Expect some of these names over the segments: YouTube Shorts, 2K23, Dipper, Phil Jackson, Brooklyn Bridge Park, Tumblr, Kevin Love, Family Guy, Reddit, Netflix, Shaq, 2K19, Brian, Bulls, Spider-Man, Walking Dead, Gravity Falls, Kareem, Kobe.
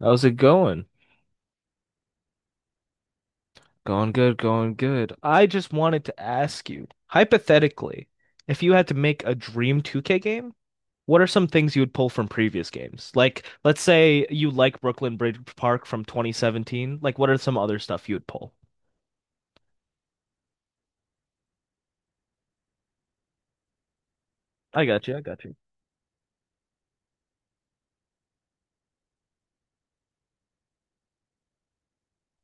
How's it going? Going good, going good. I just wanted to ask you, hypothetically, if you had to make a dream 2K game, what are some things you would pull from previous games? Like, let's say you like Brooklyn Bridge Park from 2017. Like, what are some other stuff you would pull? I got you. I got you.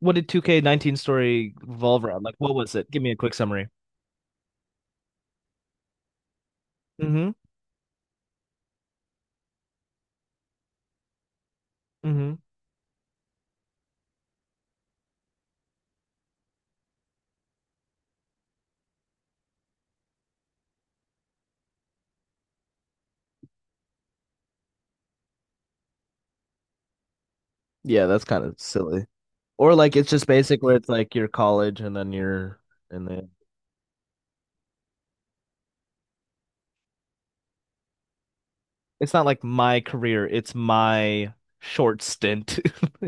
What did 2K19 story revolve around? Like, what was it? Give me a quick summary. Mm-hmm. Mm-hmm. Yeah, that's kind of silly. Or like it's just basic where it's like your college and then your, and then it's not like my career, it's my short stint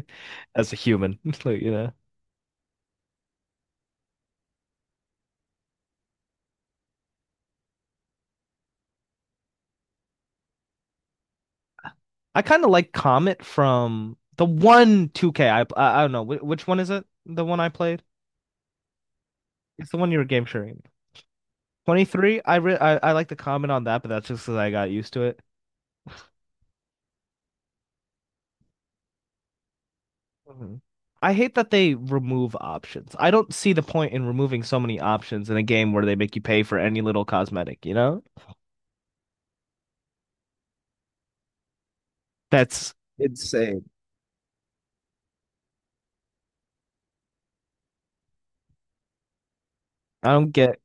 as a human, like. I kind of like Comet from the one 2K I don't know which one is it? The one I played? It's the one you were game sharing. 23, I like the comment on that, but that's just because I got used to it. Mhm. I hate that they remove options. I don't see the point in removing so many options in a game where they make you pay for any little cosmetic, That's insane. I don't get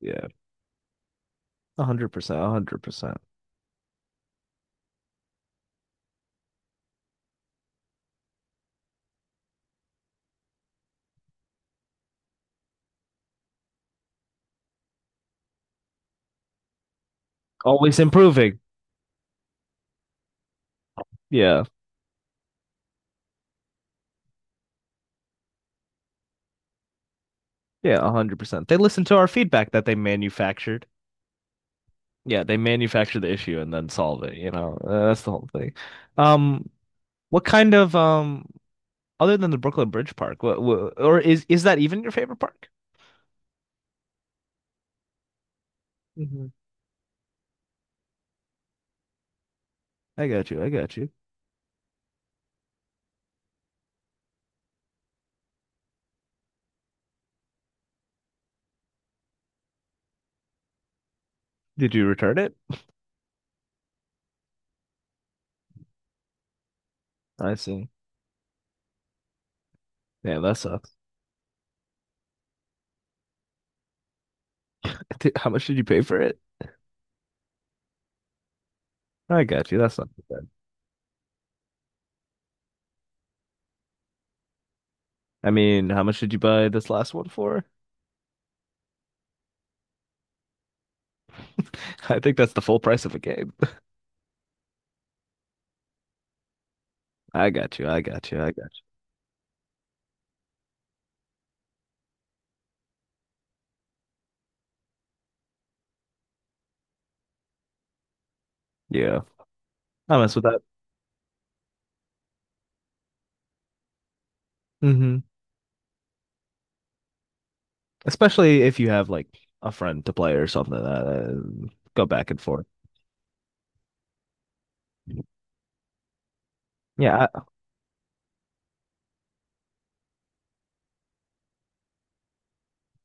Yeah, 100%, 100%. Always improving. Yeah. Yeah, 100%. They listen to our feedback that they manufactured. Yeah, they manufacture the issue and then solve it, That's the whole thing. Um, what kind of other than the Brooklyn Bridge Park, what or is that even your favorite park? Hmm. I got you. I got you. Did you return it? I see. Yeah, that sucks. Dude, how much did you pay for it? I got you. That's not too bad. I mean, how much did you buy this last one for? I think that's the full price of a game. I got you. I got you. I got you. Yeah. I mess with that. Hmm. Especially if you have like a friend to play or something like that, go back and forth. Yeah, I,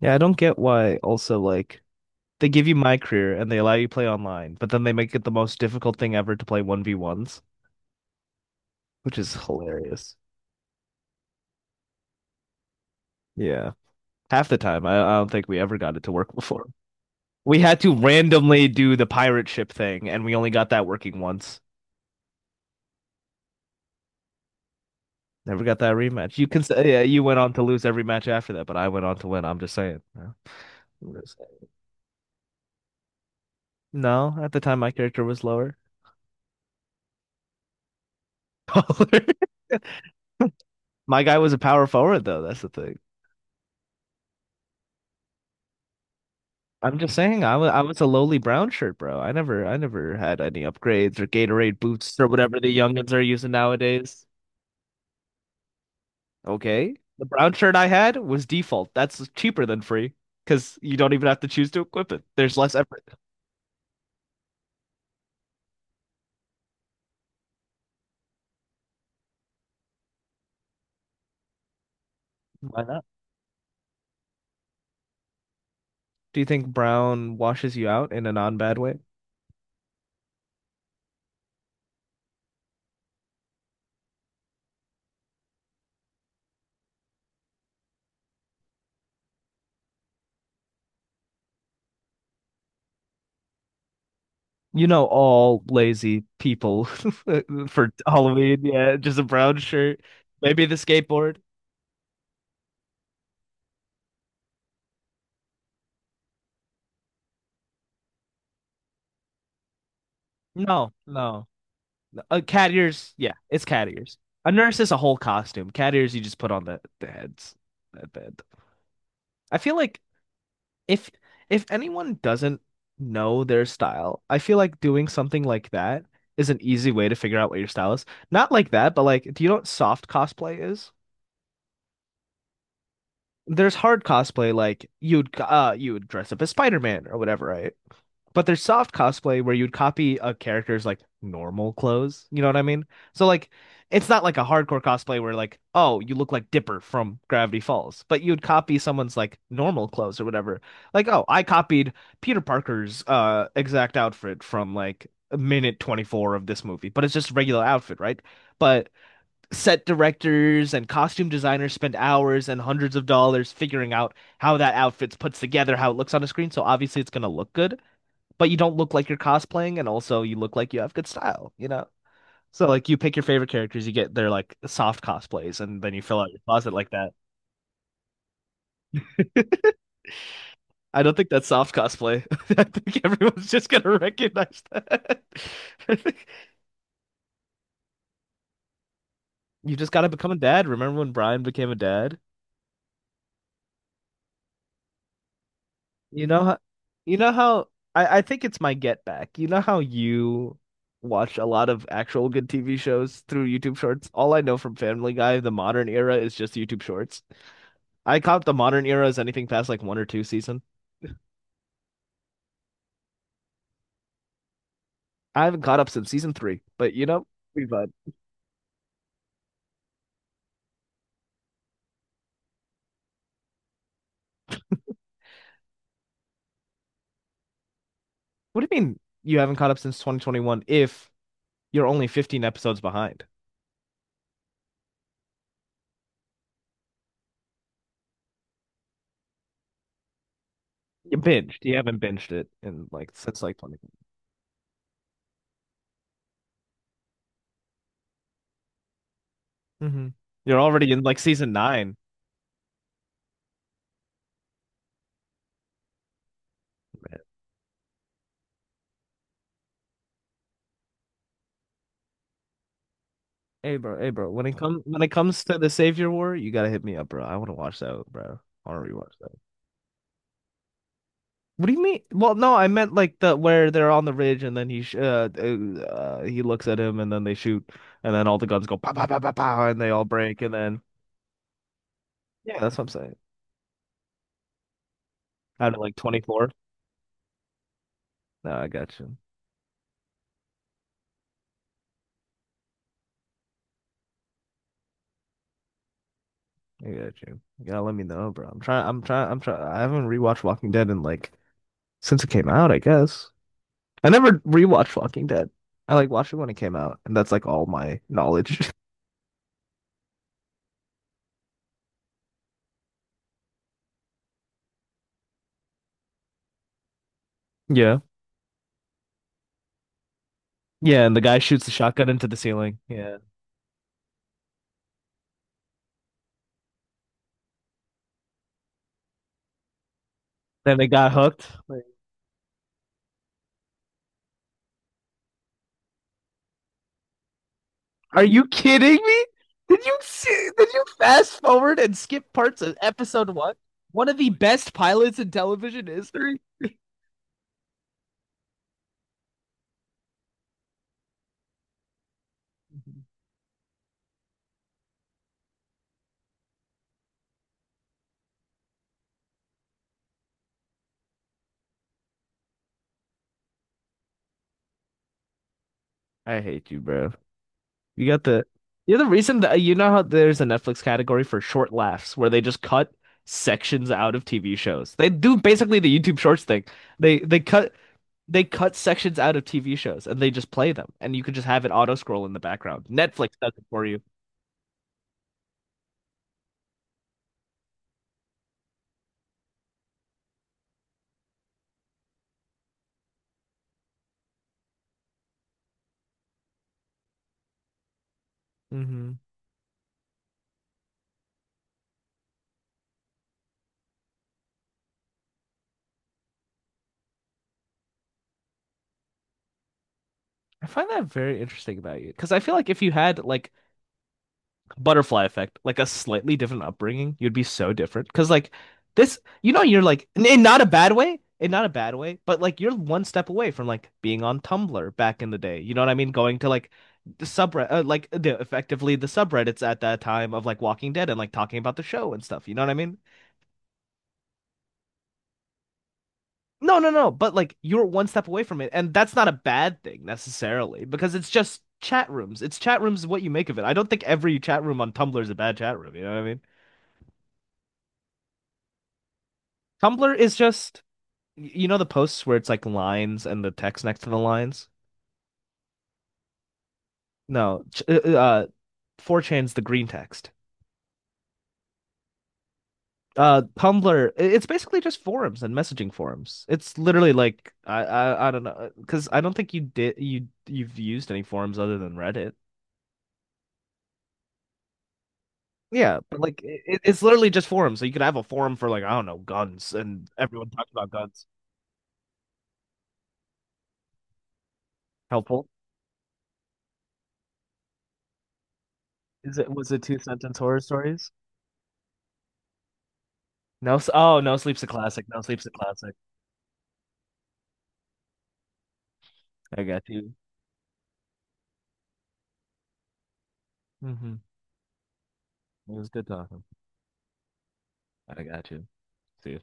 yeah, I don't get why also like they give you my career and they allow you to play online, but then they make it the most difficult thing ever to play 1v1s, which is hilarious. Yeah. Half the time, I don't think we ever got it to work before. We had to randomly do the pirate ship thing, and we only got that working once. Never got that rematch. You can say, yeah, you went on to lose every match after that, but I went on to win. I'm just saying. Yeah. No, at the time my character was lower. Taller. My guy was a power forward though, that's the thing. I'm just saying I was a lowly brown shirt, bro. I never had any upgrades or Gatorade boots or whatever the youngins are using nowadays. Okay. The brown shirt I had was default. That's cheaper than free because you don't even have to choose to equip it. There's less effort. Why not? Do you think brown washes you out in a non-bad way? You know, all lazy people for Halloween. Yeah, just a brown shirt. Maybe the skateboard. No, no. Cat ears. Yeah, it's cat ears. A nurse is a whole costume. Cat ears, you just put on the heads. That bad. I feel like if if anyone doesn't know their style, I feel like doing something like that is an easy way to figure out what your style is. Not like that, but like, do you know what soft cosplay is? There's hard cosplay, like you would dress up as Spider-Man or whatever, right? But there's soft cosplay where you'd copy a character's like normal clothes. You know what I mean? So like it's not like a hardcore cosplay where like, oh, you look like Dipper from Gravity Falls, but you'd copy someone's like normal clothes or whatever. Like, oh, I copied Peter Parker's exact outfit from like minute 24 of this movie, but it's just a regular outfit, right? But set directors and costume designers spend hours and hundreds of dollars figuring out how that outfit's put together, how it looks on a screen. So obviously it's going to look good, but you don't look like you're cosplaying, and also you look like you have good style, you know? So like you pick your favorite characters, you get their like soft cosplays, and then you fill out your closet like that. I don't think that's soft cosplay. I think everyone's just gonna recognize that. You just gotta become a dad. Remember when Brian became a dad? You know how, you know how I think it's my get back. You know how you watch a lot of actual good TV shows through YouTube Shorts? All I know from Family Guy, the modern era, is just YouTube Shorts. I caught the modern era as anything past like one or two season. I haven't caught up since season three, but you know, we vibe. What do you mean you haven't caught up since 2021 if you're only 15 episodes behind? You binged. You haven't binged it in like since like 20. Mm-hmm. You're already in like season nine. Hey bro, hey bro. When it comes to the Savior War, you gotta hit me up, bro. I want to watch that, bro. I want to rewatch. What do you mean? Well, no, I meant like the where they're on the ridge and then he looks at him and then they shoot and then all the guns go pow pow pow pow pow and they all break and then yeah, that's what I'm saying. Out of like 24. No, I got you. I got you. You gotta let me know, bro. I'm trying. I'm trying. I'm trying. I haven't rewatched Walking Dead in like since it came out, I guess. I never rewatched Walking Dead. I like watched it when it came out, and that's like all my knowledge. Yeah. Yeah, and the guy shoots the shotgun into the ceiling. Yeah. Then they got hooked. Are you kidding me? Did you fast forward and skip parts of episode one? One of the best pilots in television history. I hate you, bro. You got the you're the reason that you know how there's a Netflix category for short laughs where they just cut sections out of TV shows. They do basically the YouTube Shorts thing. They they cut they cut sections out of TV shows and they just play them, and you could just have it auto scroll in the background. Netflix does it for you. Hmm. I find that very interesting about you because I feel like if you had like butterfly effect, like a slightly different upbringing, you'd be so different. Because like this, you know, you're like in not a bad way, in not a bad way, but like you're one step away from like being on Tumblr back in the day. You know what I mean? Going to like the subreddit, like the effectively the subreddits at that time of like Walking Dead and like talking about the show and stuff. You know what I mean? No, no, no. But like you're one step away from it, and that's not a bad thing necessarily because it's just. Chat rooms. It's chat rooms, what you make of it. I don't think every chat room on Tumblr is a bad chat room. You know what I mean? Tumblr is just, you know the posts where it's like lines and the text next to the lines? No, 4chan's the green text. Tumblr, it's basically just forums and messaging forums. It's literally like I don't know because I don't think you did you you've used any forums other than Reddit. Yeah, but like it's literally just forums. So you could have a forum for like I don't know guns and everyone talks about guns. Helpful. Is it was it two sentence horror stories? No sleep's a classic. No sleep's a classic. I got you. Hmm. It was good talking. I got you. See you.